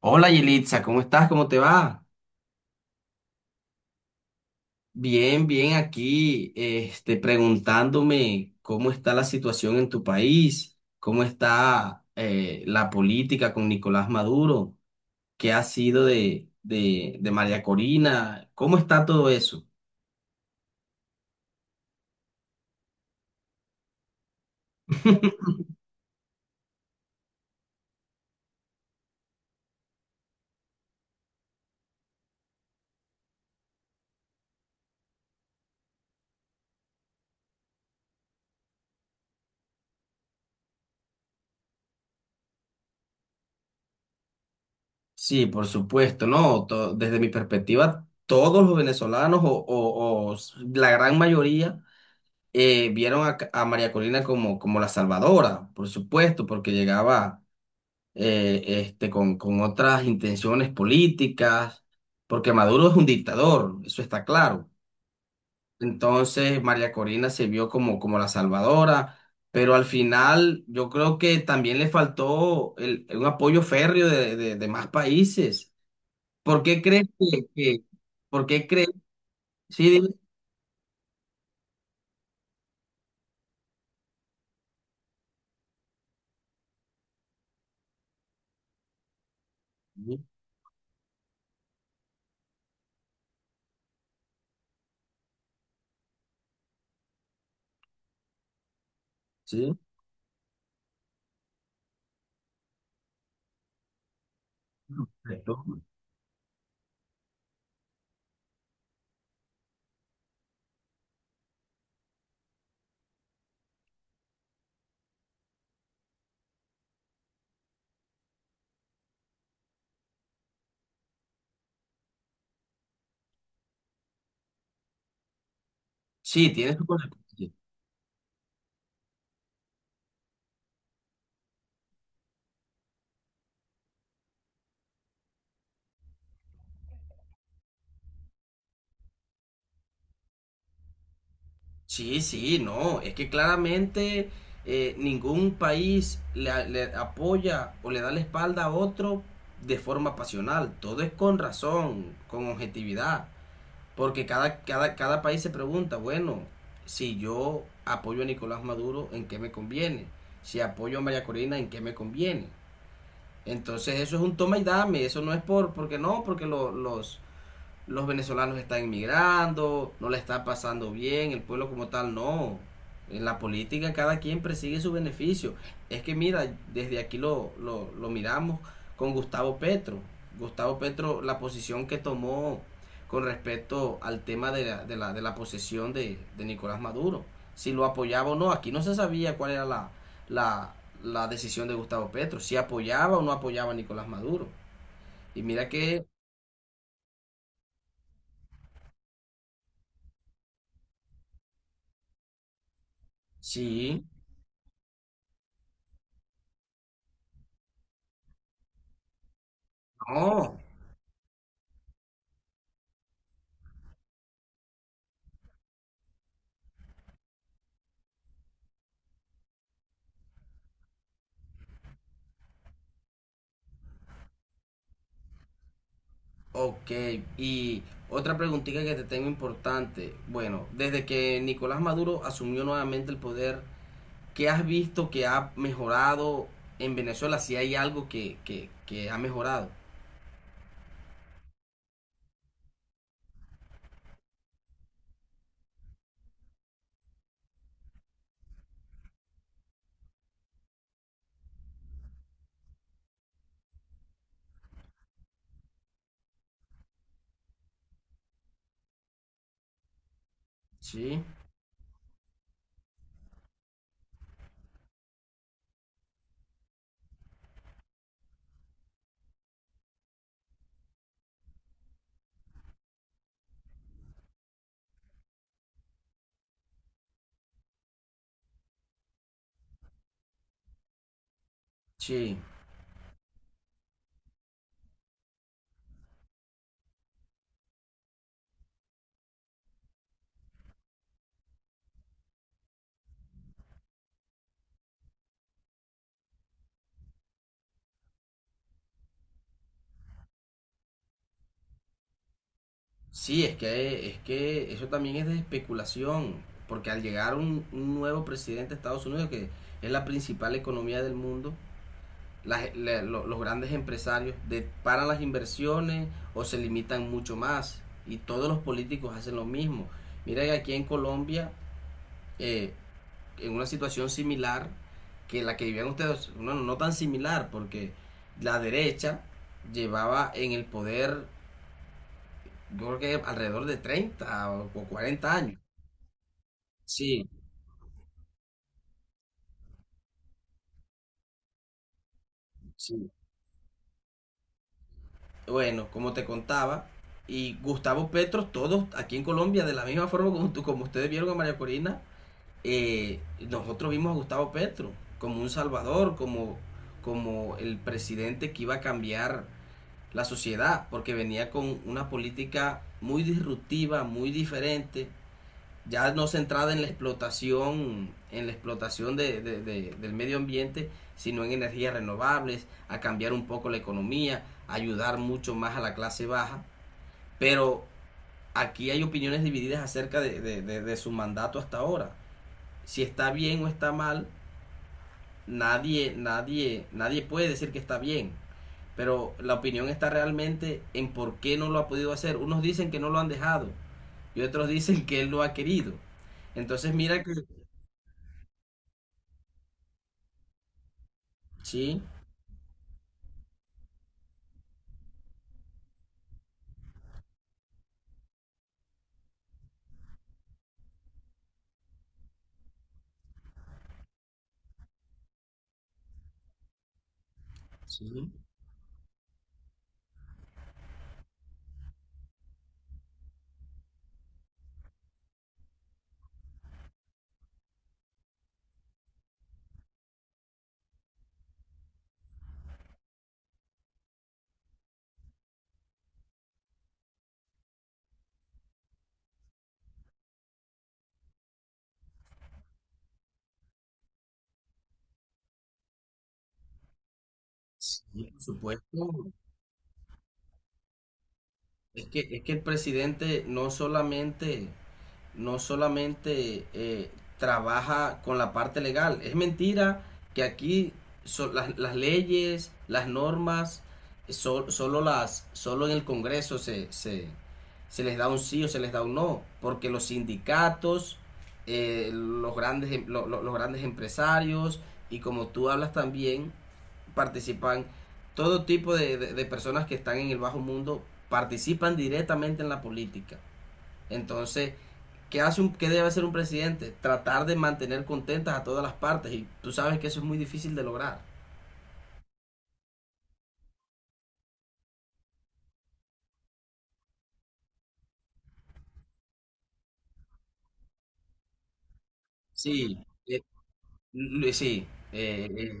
Hola Yelitza, ¿cómo estás? ¿Cómo te va? Bien, bien aquí, preguntándome cómo está la situación en tu país, cómo está la política con Nicolás Maduro, qué ha sido de María Corina, cómo está todo eso. Sí, por supuesto, no, desde mi perspectiva, todos los venezolanos la gran mayoría vieron a María Corina como la salvadora, por supuesto, porque llegaba con otras intenciones políticas, porque Maduro es un dictador, eso está claro. Entonces María Corina se vio como la salvadora, pero al final yo creo que también le faltó un apoyo férreo de más países. ¿Por qué crees por qué crees? Sí, dime. Sí, sí, correcto. Sí, tiene su consecuencia. Sí, sí, no, es que claramente ningún país le apoya o le da la espalda a otro de forma pasional, todo es con razón, con objetividad, porque cada país se pregunta, bueno, si yo apoyo a Nicolás Maduro, ¿en qué me conviene? Si apoyo a María Corina, ¿en qué me conviene? Entonces eso es un toma y dame, eso no es porque no, porque los venezolanos están emigrando, no le está pasando bien, el pueblo como tal no. En la política cada quien persigue su beneficio. Es que mira, desde aquí lo miramos con Gustavo Petro. Gustavo Petro, la posición que tomó con respecto al tema de la posesión de Nicolás Maduro. Si lo apoyaba o no, aquí no se sabía cuál era la, la decisión de Gustavo Petro, si apoyaba o no apoyaba a Nicolás Maduro. Y mira que sí, no, ok, y otra preguntita que te tengo importante. Bueno, desde que Nicolás Maduro asumió nuevamente el poder, ¿qué has visto que ha mejorado en Venezuela? Si hay algo que ha mejorado. Sí, sí, sí, es que eso también es de especulación, porque al llegar un nuevo presidente de Estados Unidos, que es la principal economía del mundo, las, la, los grandes empresarios de, paran las inversiones o se limitan mucho más. Y todos los políticos hacen lo mismo. Mira que aquí en Colombia, eh, en una situación similar que la que vivían ustedes, no, no tan similar, porque la derecha llevaba en el poder, yo creo que alrededor de 30 o 40 años. Sí, sí. Bueno, como te contaba, y Gustavo Petro, todos aquí en Colombia, de la misma forma como, como ustedes vieron a María Corina, eh, nosotros vimos a Gustavo Petro como un salvador, como, como el presidente que iba a cambiar la sociedad, porque venía con una política muy disruptiva, muy diferente, ya no centrada en la explotación del medio ambiente, sino en energías renovables, a cambiar un poco la economía, a ayudar mucho más a la clase baja. Pero aquí hay opiniones divididas acerca de su mandato hasta ahora. Si está bien o está mal, nadie puede decir que está bien. Pero la opinión está realmente en por qué no lo ha podido hacer. Unos dicen que no lo han dejado y otros dicen que él lo ha querido. Entonces mira que sí, sí, sí, por supuesto. Es que el presidente no solamente trabaja con la parte legal. Es mentira que aquí las leyes, las normas, solo en el Congreso se les da un sí o se les da un no, porque los sindicatos, los, grandes, em- lo- los grandes empresarios, y como tú hablas también, participan todo tipo de personas que están en el bajo mundo, participan directamente en la política. Entonces, ¿qué debe hacer un presidente? Tratar de mantener contentas a todas las partes, y tú sabes que eso es muy difícil de lograr. Sí, eh, l- sí, eh, eh,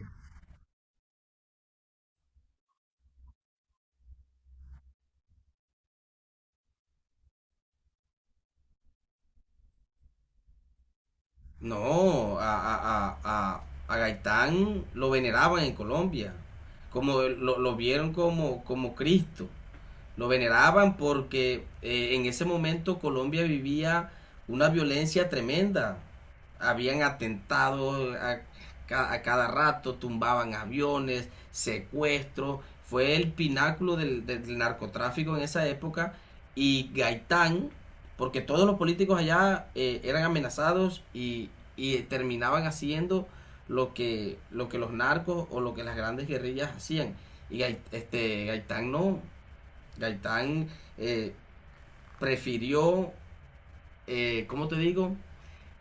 no, a Gaitán lo veneraban en Colombia, como lo vieron como, como Cristo. Lo veneraban porque en ese momento Colombia vivía una violencia tremenda. Habían atentado a cada rato, tumbaban aviones, secuestros. Fue el pináculo del narcotráfico en esa época. Y Gaitán, porque todos los políticos allá eran amenazados y terminaban haciendo lo que los narcos o lo que las grandes guerrillas hacían. Y Gaitán no, Gaitán eh, prefirió, ¿cómo te digo?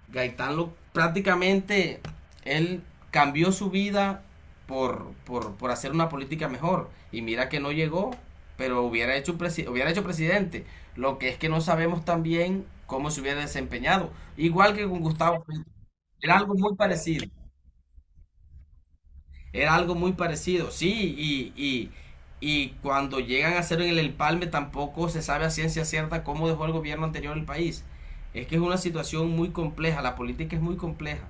Prácticamente, él cambió su vida por hacer una política mejor. Y mira que no llegó, pero hubiera hecho, hubiera hecho presidente. Lo que es que no sabemos también cómo se hubiera desempeñado. Igual que con Gustavo Petro. Era algo muy parecido. Era algo muy parecido, sí, y cuando llegan a hacer el empalme tampoco se sabe a ciencia cierta cómo dejó el gobierno anterior el país. Es que es una situación muy compleja, la política es muy compleja.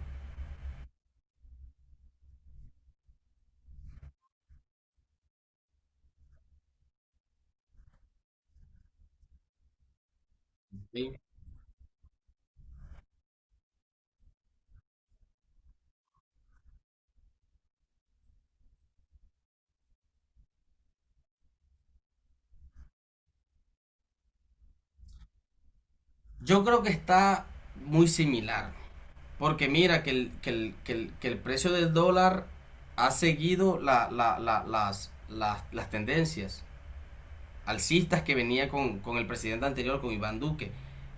Sí. Yo creo que está muy similar, porque mira que el precio del dólar ha seguido las tendencias alcistas que venía con el presidente anterior, con Iván Duque.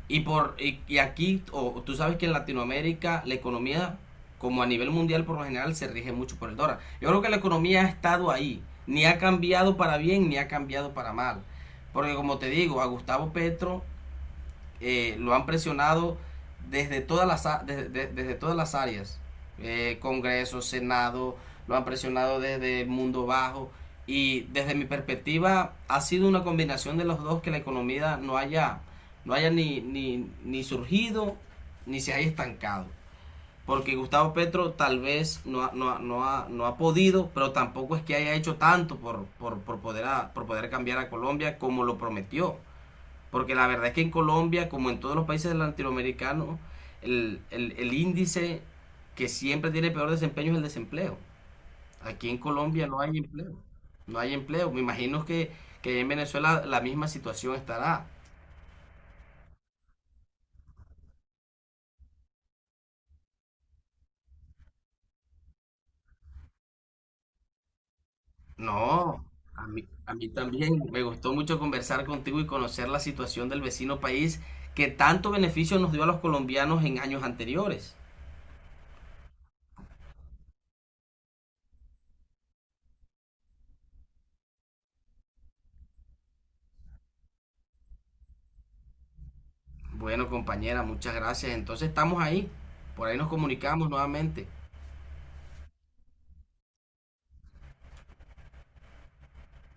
Y aquí, o, tú sabes que en Latinoamérica la economía, como a nivel mundial por lo general, se rige mucho por el dólar. Yo creo que la economía ha estado ahí, ni ha cambiado para bien, ni ha cambiado para mal. Porque como te digo, a Gustavo Petro lo han presionado desde todas desde todas las áreas, Congreso, Senado, lo han presionado desde el mundo bajo, y desde mi perspectiva ha sido una combinación de los dos que la economía no haya, no haya ni surgido ni se haya estancado. Porque Gustavo Petro tal vez no ha podido, pero tampoco es que haya hecho tanto por poder, por poder cambiar a Colombia como lo prometió. Porque la verdad es que en Colombia, como en todos los países latinoamericanos, el índice que siempre tiene peor desempeño es el desempleo. Aquí en Colombia no hay empleo. No hay empleo. Me imagino que en Venezuela la misma situación estará. No, a mí también me gustó mucho conversar contigo y conocer la situación del vecino país que tanto beneficio nos dio a los colombianos en años anteriores. Bueno, compañera, muchas gracias. Entonces estamos ahí. Por ahí nos comunicamos nuevamente.